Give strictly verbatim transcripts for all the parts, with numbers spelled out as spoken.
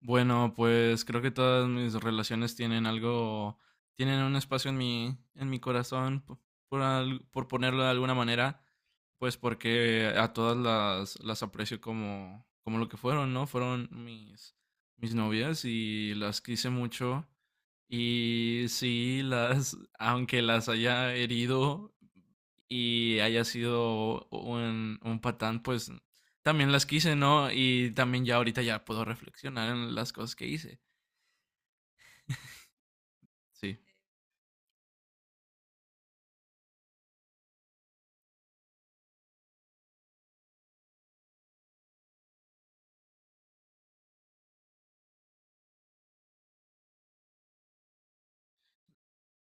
Bueno, pues creo que todas mis relaciones tienen algo, tienen un espacio en mi, en mi corazón, p- por, al- por ponerlo de alguna manera, pues porque a todas las, las aprecio como, como lo que fueron, ¿no? Fueron mis, mis novias y las quise mucho. Y sí, las, aunque las haya herido y haya sido un, un patán, pues también las quise, ¿no? Y también ya ahorita ya puedo reflexionar en las cosas que hice. Sí.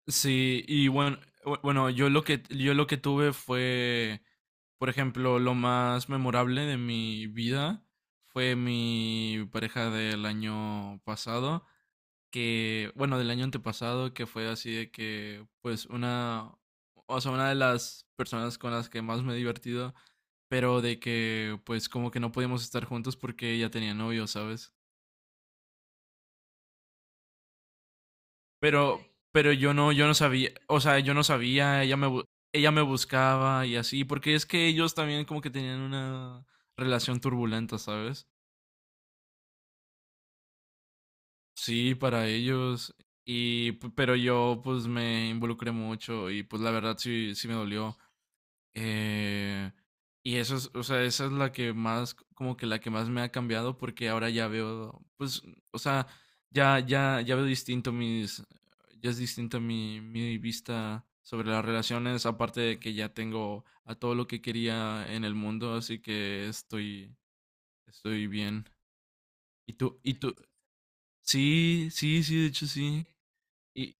Sí, y bueno, bu- bueno, yo lo que yo lo que tuve fue, por ejemplo, lo más memorable de mi vida fue mi pareja del año pasado. Que, bueno, del año antepasado, que fue así de que, pues, una, o sea, una de las personas con las que más me he divertido, pero de que, pues, como que no podíamos estar juntos porque ella tenía novio, ¿sabes? Pero, pero yo no, yo no sabía, o sea, yo no sabía, ella me, bu- ella me buscaba y así, porque es que ellos también como que tenían una relación turbulenta, ¿sabes? Sí, para ellos. Y, p- pero yo pues me involucré mucho y pues la verdad sí, sí me dolió. Eh, y eso es, o sea, esa es la que más, como que la que más me ha cambiado porque ahora ya veo, pues, o sea, ya, ya, ya veo distinto mis, ya es distinta mi, mi vista sobre las relaciones, aparte de que ya tengo a todo lo que quería en el mundo, así que estoy, estoy bien. ¿Y tú, y tú? Sí, sí, sí, de hecho sí. ¿Y,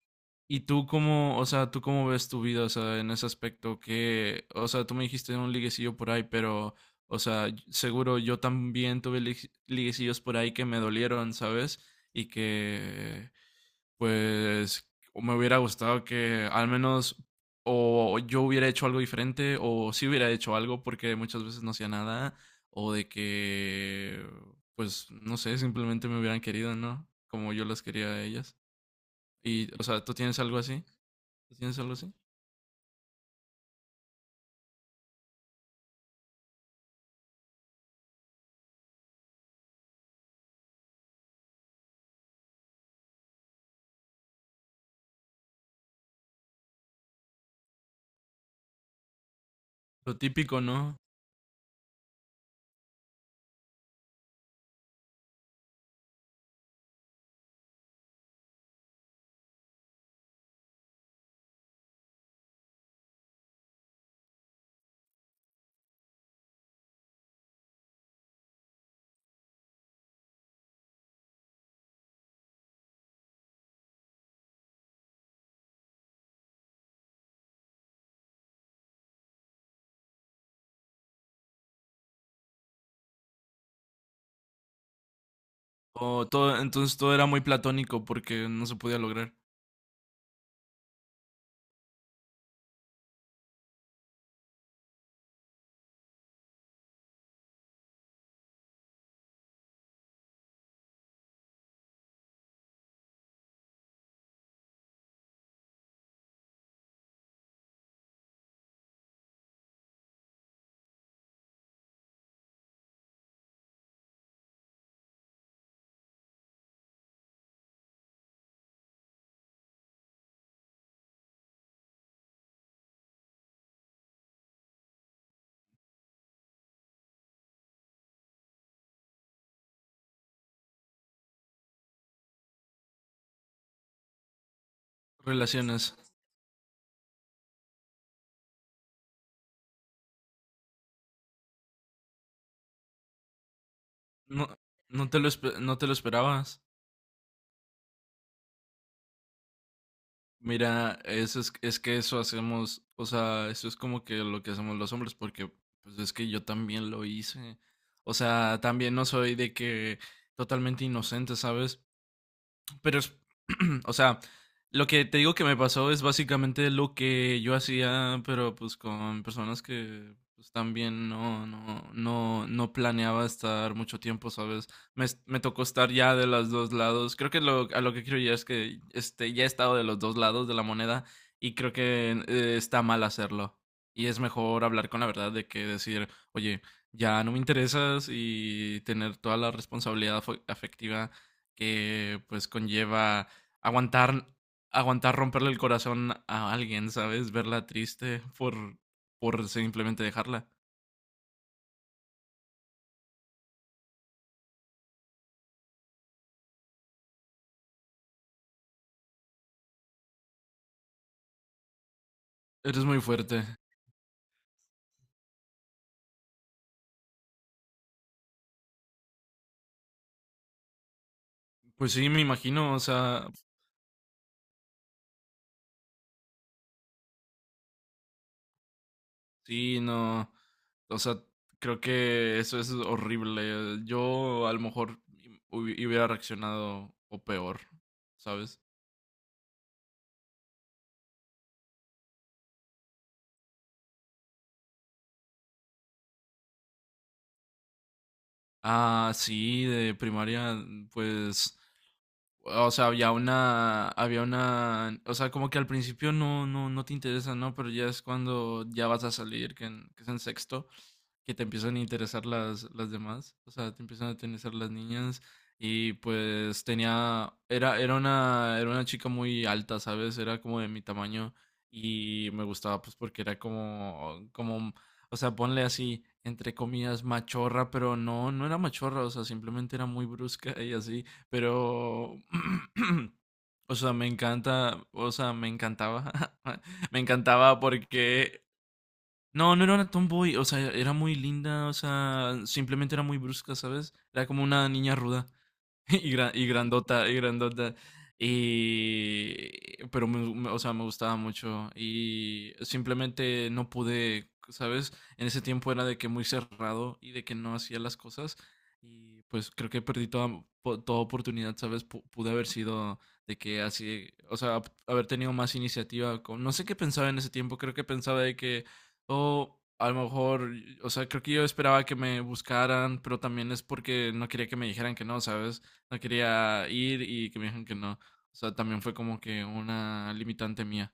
y tú cómo, o sea, tú cómo ves tu vida, o sea, en ese aspecto que, o sea, tú me dijiste un liguecillo por ahí, pero, o sea, y- seguro yo también tuve lig- liguecillos por ahí que me dolieron, ¿sabes? Y que, pues, me hubiera gustado que al menos o yo hubiera hecho algo diferente o sí hubiera hecho algo porque muchas veces no hacía nada o de que, pues, no sé, simplemente me hubieran querido, ¿no? Como yo las quería a ellas. Y, o sea, ¿tú tienes algo así? ¿Tú tienes algo así? Lo típico, ¿no? O todo, entonces todo era muy platónico porque no se podía lograr relaciones. No, no te lo, espe- no te lo esperabas. Mira, eso es, es que eso hacemos, o sea, eso es como que lo que hacemos los hombres, porque pues es que yo también lo hice. O sea, también no soy de que totalmente inocente, ¿sabes? Pero es, o sea, lo que te digo que me pasó es básicamente lo que yo hacía, pero pues con personas que pues, también no, no, no, no planeaba estar mucho tiempo, ¿sabes? Me, es- me tocó estar ya de los dos lados. Creo que lo, a lo que quiero llegar es que este, ya he estado de los dos lados de la moneda y creo que eh, está mal hacerlo. Y es mejor hablar con la verdad de que decir, oye, ya no me interesas y tener toda la responsabilidad afo- afectiva que pues conlleva aguantar, aguantar romperle el corazón a alguien, ¿sabes? Verla triste por, por simplemente dejarla. Eres muy fuerte. Pues sí, me imagino, o sea, sí, no, o sea, creo que eso es horrible. Yo a lo mejor hubi- hubiera reaccionado o peor, ¿sabes? Ah, sí, de primaria, pues o sea, había una, había una, o sea, como que al principio no, no, no te interesa, ¿no? Pero ya es cuando ya vas a salir, que, en- que es en sexto, que te empiezan a interesar las, las demás, o sea, te empiezan a interesar las niñas y pues tenía, era, era una, era una chica muy alta, ¿sabes? Era como de mi tamaño y me gustaba pues porque era como, como, o sea, ponle así, entre comillas, machorra, pero no, no era machorra, o sea, simplemente era muy brusca y así. Pero, o sea, me encanta, o sea, me encantaba, me encantaba porque, no, no era una tomboy, o sea, era muy linda, o sea, simplemente era muy brusca, ¿sabes? Era como una niña ruda. Y, gran- y grandota, y grandota. Y, pero me, me- o sea, me gustaba mucho y simplemente no pude, ¿sabes? En ese tiempo era de que muy cerrado y de que no hacía las cosas y pues creo que perdí toda, po- toda oportunidad, ¿sabes? Pu- pude haber sido de que así, o sea, haber tenido más iniciativa. Con- no sé qué pensaba en ese tiempo, creo que pensaba de que, oh, a lo mejor, o sea, creo que yo esperaba que me buscaran, pero también es porque no quería que me dijeran que no, ¿sabes? No quería ir y que me dijeron que no. O sea, también fue como que una limitante mía.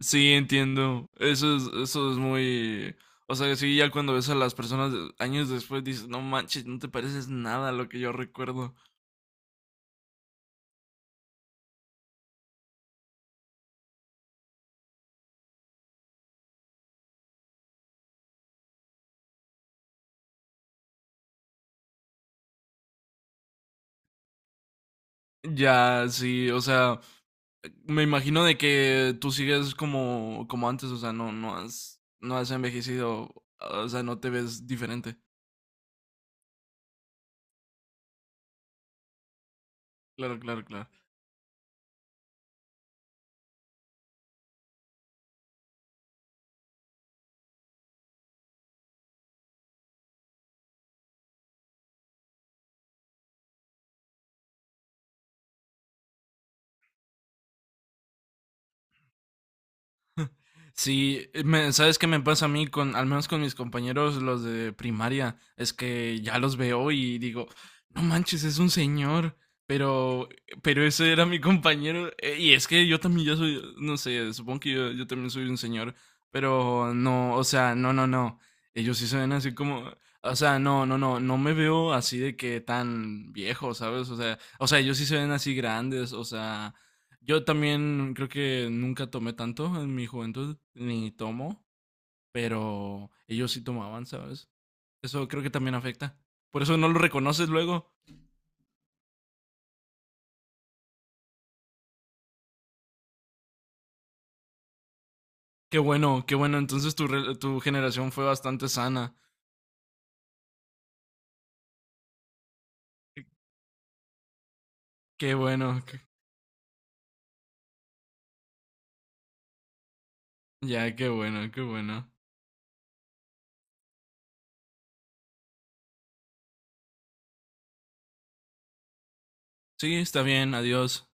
Sí, entiendo. Eso es, eso es muy... O sea, sí, ya cuando ves a las personas de- años después dices, no manches, no te pareces nada a lo que yo recuerdo. Ya, sí, o sea, me imagino de que tú sigues como, como antes, o sea, no, no has, no has envejecido, o sea, no te ves diferente. Claro, claro, claro. Sí, eh, me- ¿sabes qué me pasa a mí con, al menos con mis compañeros, los de primaria? Es que ya los veo y digo, no manches, es un señor, pero, pero ese era mi compañero. eh, Y es que yo también ya soy, no sé, supongo que yo, yo también soy un señor, pero no, o sea, no, no, no. Ellos sí se ven así como, o sea, no, no, no, no me veo así de que tan viejo, ¿sabes? O sea, o sea, ellos sí se ven así grandes, o sea. Yo también creo que nunca tomé tanto en mi juventud, ni tomo, pero ellos sí tomaban, ¿sabes? Eso creo que también afecta. Por eso no lo reconoces luego. Qué bueno, qué bueno. Entonces tu, re- tu generación fue bastante sana. Qué bueno, qué- ya, qué bueno, qué bueno. Sí, está bien, adiós.